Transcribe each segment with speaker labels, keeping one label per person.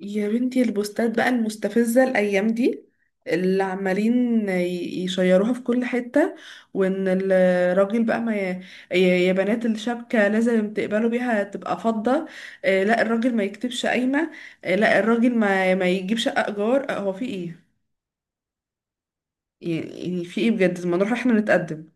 Speaker 1: يا بنتي البوستات بقى المستفزة الأيام دي اللي عمالين يشيروها في كل حتة وإن الراجل بقى ما ي... يا بنات الشبكة لازم تقبلوا بيها تبقى فضة. لا، الراجل ما يكتبش قايمة. لا، الراجل ما يجيب شقة إيجار. هو في إيه؟ يعني في إيه بجد ما نروح إحنا نتقدم؟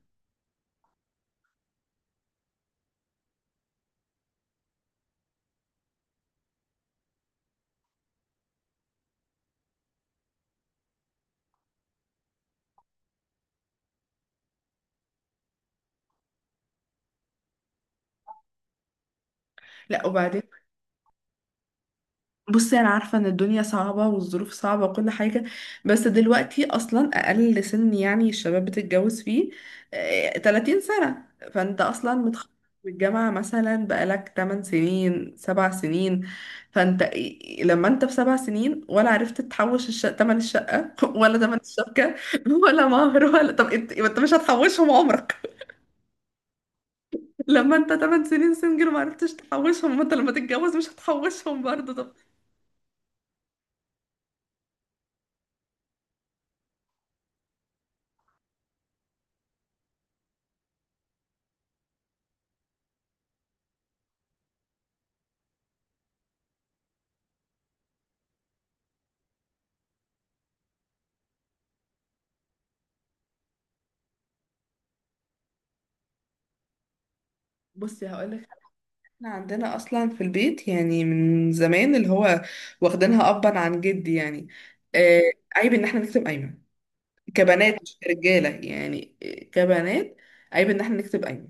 Speaker 1: لا، وبعدين بصي، انا عارفه ان الدنيا صعبه والظروف صعبه وكل حاجه، بس دلوقتي اصلا اقل سن يعني الشباب بتتجوز فيه 30 سنه. فانت اصلا متخرج من الجامعه مثلا بقالك 8 سنين، 7 سنين. فانت لما انت في 7 سنين ولا عرفت تحوش تمن الشقه ولا تمن الشبكه ولا مهر ولا، طب انت، انت مش هتحوشهم عمرك. لما انت 8 سنين سنجل ما عرفتش تحوشهم، ما انت لما تتجوز مش هتحوشهم برضه. طب بصي هقولك، احنا عندنا اصلا في البيت يعني من زمان اللي هو واخدينها ابا عن جدي يعني. آه، عيب ان احنا نكتب ايمن، كبنات مش كرجاله، يعني كبنات، عيب ان احنا نكتب ايمن.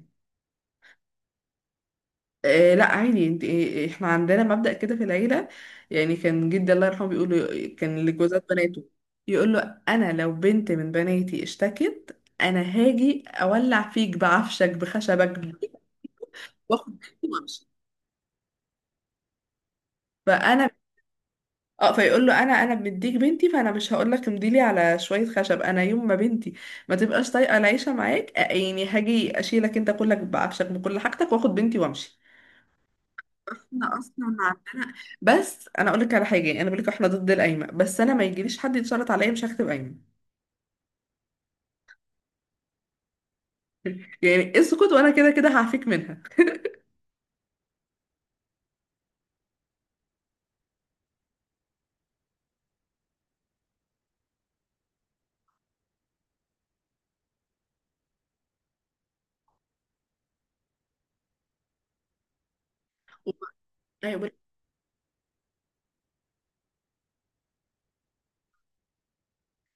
Speaker 1: آه، لا عادي انت، احنا عندنا مبدأ كده في العيله. يعني كان جدي الله يرحمه كان لجوزات بناته يقول له انا لو بنت من بناتي اشتكت، انا هاجي اولع فيك بعفشك بخشبك، واخد بنتي وامشي. فانا اه، فيقول له انا، انا مديك بنتي، فانا مش هقول لك امضيلي على شويه خشب. انا يوم ما بنتي ما تبقاش طايقه العيشه معاك، يعني هاجي اشيلك انت كلك بعفشك بكل حاجتك، واخد بنتي وامشي. احنا اصلا عندنا، بس انا اقول لك على حاجه، يعني انا بقول لك احنا ضد القايمه، بس انا ما يجيليش حد يتشرط عليا مش هكتب قايمه. يعني اسكت وانا كده كده هعفيك منها.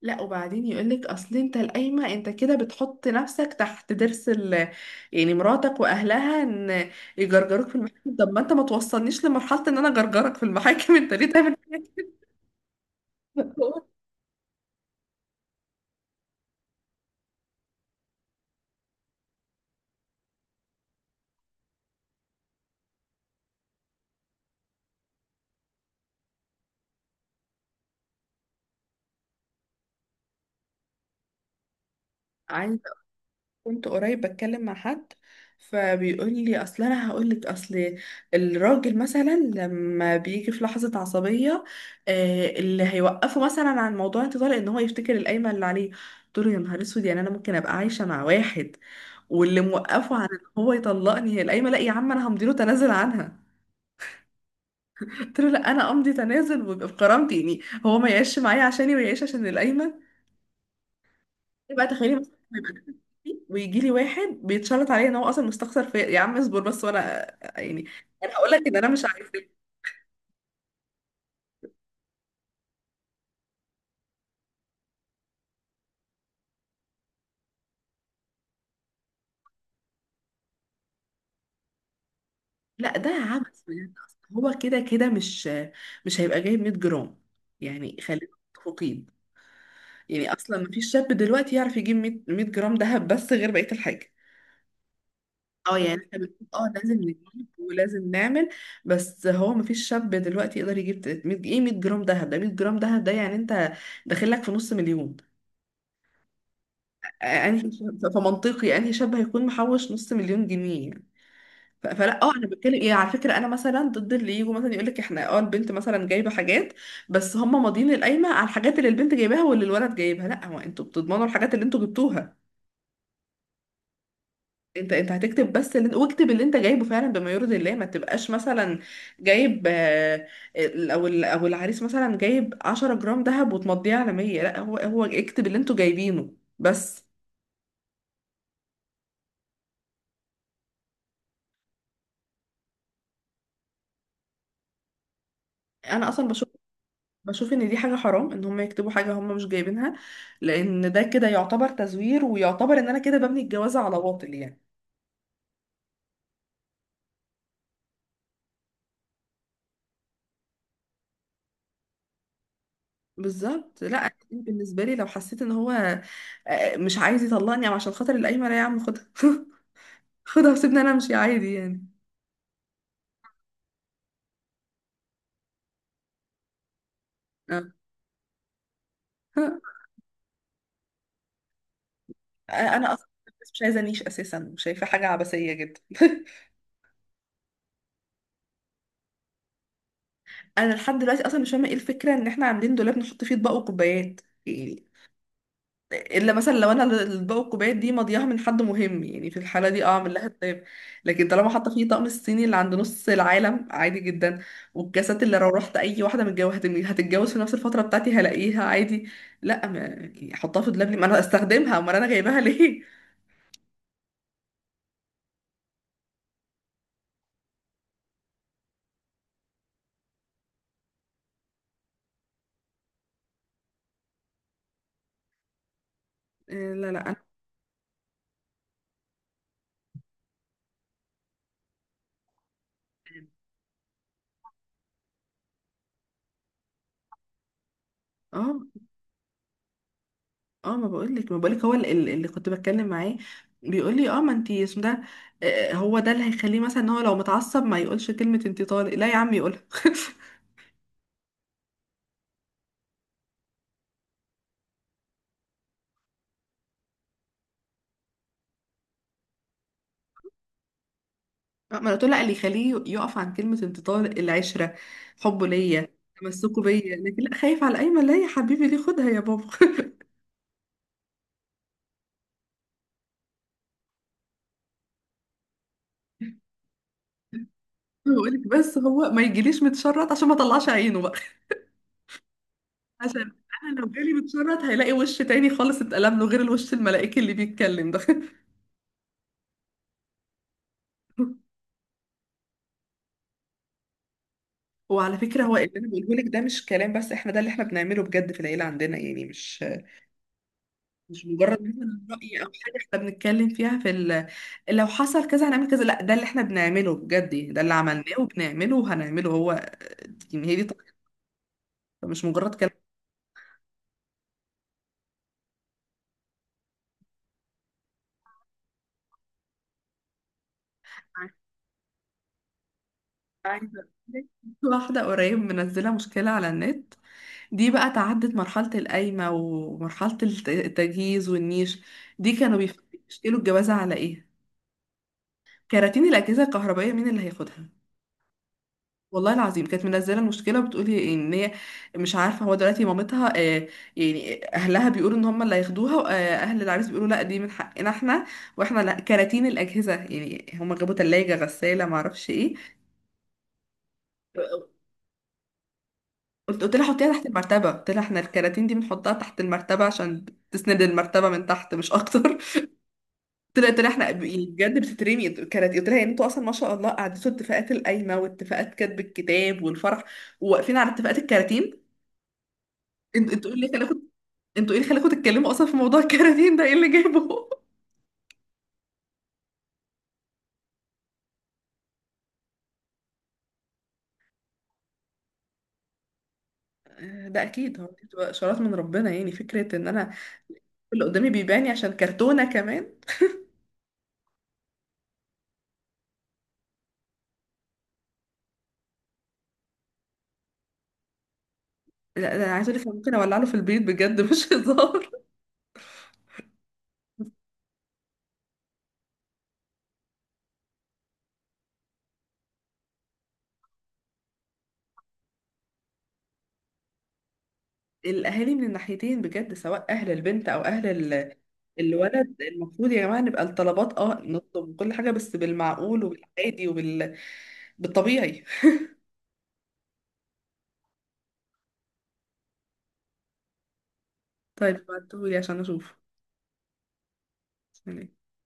Speaker 1: لا وبعدين يقولك اصل انت القايمه انت كده بتحط نفسك تحت ضرس ال... يعني مراتك واهلها ان يجرجروك في المحاكم. طب ما انت ما توصلنيش لمرحله ان انا جرجرك في المحاكم انت ليه تعمل كده؟ عايز، كنت قريب بتكلم مع حد فبيقول لي اصل انا هقول لك اصل الراجل مثلا لما بيجي في لحظه عصبيه، آه، اللي هيوقفه مثلا عن موضوع انتظار ان هو يفتكر القايمه اللي عليه. قلت له يا نهار اسود، يعني انا ممكن ابقى عايشه مع واحد واللي موقفه عن ان هو يطلقني هي القايمه؟ لا يا عم، انا همضي له تنازل عنها. قلت له لا انا امضي تنازل ويبقى بكرامتي، يعني هو ما يعيش معايا عشاني ويعيش عشان القايمه. بقى تخيلي مثلا يبقى أنا ويجي لي واحد بيتشلط عليا ان هو اصلا مستخسر في، يا عم اصبر بس وانا يعني، انا هقول لك ان انا مش عارفه. لا ده عبث بجد أصلاً. هو كده كده مش مش هيبقى جايب 100 جرام، يعني خلينا متفقين. يعني اصلا مفيش شاب دلوقتي يعرف يجيب 100 جرام دهب بس غير بقيه الحاجه. اه يعني احنا بنقول اه لازم نجيب ولازم نعمل، بس هو مفيش شاب دلوقتي يقدر يجيب 300 ايه 100 جرام دهب ده، 100 جرام دهب ده يعني انت داخل لك في نص مليون. انهي فمنطقي انهي شاب هيكون محوش نص مليون جنيه يعني. فلا اه انا بتكلم ايه على فكره، انا مثلا ضد اللي يجوا مثلا يقول لك احنا اه البنت مثلا جايبه حاجات، بس هم ماضيين القايمه على الحاجات اللي البنت جايباها واللي الولد جايبها. لا، هو انتوا بتضمنوا الحاجات اللي انتوا جبتوها. انت انت هتكتب بس اللي انت، واكتب اللي انت جايبه فعلا بما يرضي الله. ما تبقاش مثلا جايب ال- او ال- او العريس مثلا جايب 10 جرام ذهب وتمضيه على 100. لا، هو، هو اكتب اللي انتوا جايبينه بس. انا اصلا بشوف ان دي حاجة حرام ان هم يكتبوا حاجة هم مش جايبينها، لان ده كده يعتبر تزوير ويعتبر ان انا كده ببني الجوازة على باطل يعني. بالظبط، لا بالنسبة لي لو حسيت ان هو مش عايز يطلقني او عشان خاطر القايمة، لا يا عم خدها خدها وسيبني انا امشي عادي يعني. آه. انا اصلا مش عايزة نيش اساسا، شايفة حاجة عبثية جدا انا لحد دلوقتي اصلا مش فاهمة ايه الفكرة ان احنا عاملين دولاب نحط فيه اطباق وكوبايات؟ يعني الا مثلا لو انا الاطباق والكوبايات دي مضيعه من حد مهم، يعني في الحاله دي اه اعمل لها حساب، لكن طالما حاطه فيه طقم الصيني اللي عند نص العالم عادي جدا، والكاسات اللي لو رحت اي واحده متجوزه هتتجوز في نفس الفتره بتاعتي هلاقيها عادي. لا ما يعني احطها في دولاب ليه؟ ما انا استخدمها، امال انا جايباها ليه؟ لا انا اه اه ما بقولك، ما بقولك هو اللي كنت بتكلم معاه بيقول لي اه ما انتي اسم ده. هو ده اللي هيخليه مثلا ان هو لو متعصب ما يقولش كلمه انتي طالق. لا يا عم يقولها ما انا قلت له لا، اللي يخليه يقف عن كلمة انتظار العشرة، حبه ليا، تمسكه بيا، لكن لا خايف على ايمن؟ لا يا حبيبي ليه، خدها يا بابا بقولك بس هو ما يجيليش متشرط عشان ما طلعش عينه بقى عشان انا لو جالي متشرط هيلاقي وش تاني خالص اتقلب له غير الوش الملائكي اللي بيتكلم ده وعلى فكرة هو اللي انا بقوله لك ده مش كلام بس، احنا ده اللي احنا بنعمله بجد في العيلة عندنا يعني. مش مجرد مثلا رأي أو حاجة احنا بنتكلم فيها في ال... لو حصل كذا هنعمل كذا. لا، ده اللي احنا بنعمله بجد يعني، ده اللي عملناه وبنعمله وهنعمله هو يعني. هي دي طريقة، مش مجرد كلام. عايزة أقول لك، واحدة قريب منزلة مشكلة على النت، دي بقى تعدت مرحلة القايمة ومرحلة التجهيز والنيش. دي كانوا بيشكلوا الجوازة على ايه؟ كراتين الأجهزة الكهربائية مين اللي هياخدها؟ والله العظيم كانت منزله المشكله وبتقولي ان هي مش عارفه هو دلوقتي مامتها، يعني اهلها بيقولوا ان هم اللي هياخدوها واهل العريس بيقولوا لا دي من حقنا احنا، واحنا لا كراتين الاجهزه، يعني هم جابوا ثلاجه غساله ما اعرفش ايه. قلت لها حطيها تحت المرتبه، قلت لها احنا الكراتين دي بنحطها تحت المرتبه عشان تسند المرتبه من تحت مش اكتر قلت لها، قلت لها احنا يعني بجد بتترمي كراتين. قلت لها يعني انتوا اصلا ما شاء الله قعدتوا اتفاقات القايمه واتفاقات كتب الكتاب والفرح وواقفين على اتفاقات الكراتين؟ انت تقول لي، انتوا ايه اللي خلاكم تتكلموا اصلا في موضوع الكراتين ده؟ ايه اللي جايبه؟ ده اكيد هو دي بتبقى اشارات من ربنا، يعني فكره ان انا اللي قدامي بيباني عشان كرتونه كمان. لا ده انا عايزه اقول لك أنا ممكن اولع له في البيت بجد مش هزار. الاهالي من الناحيتين بجد، سواء اهل البنت او اهل ال... الولد، المفروض يا جماعه نبقى الطلبات اه نطلب كل حاجه بس بالمعقول وبالعادي بالطبيعي طيب بعتهولي عشان اشوف.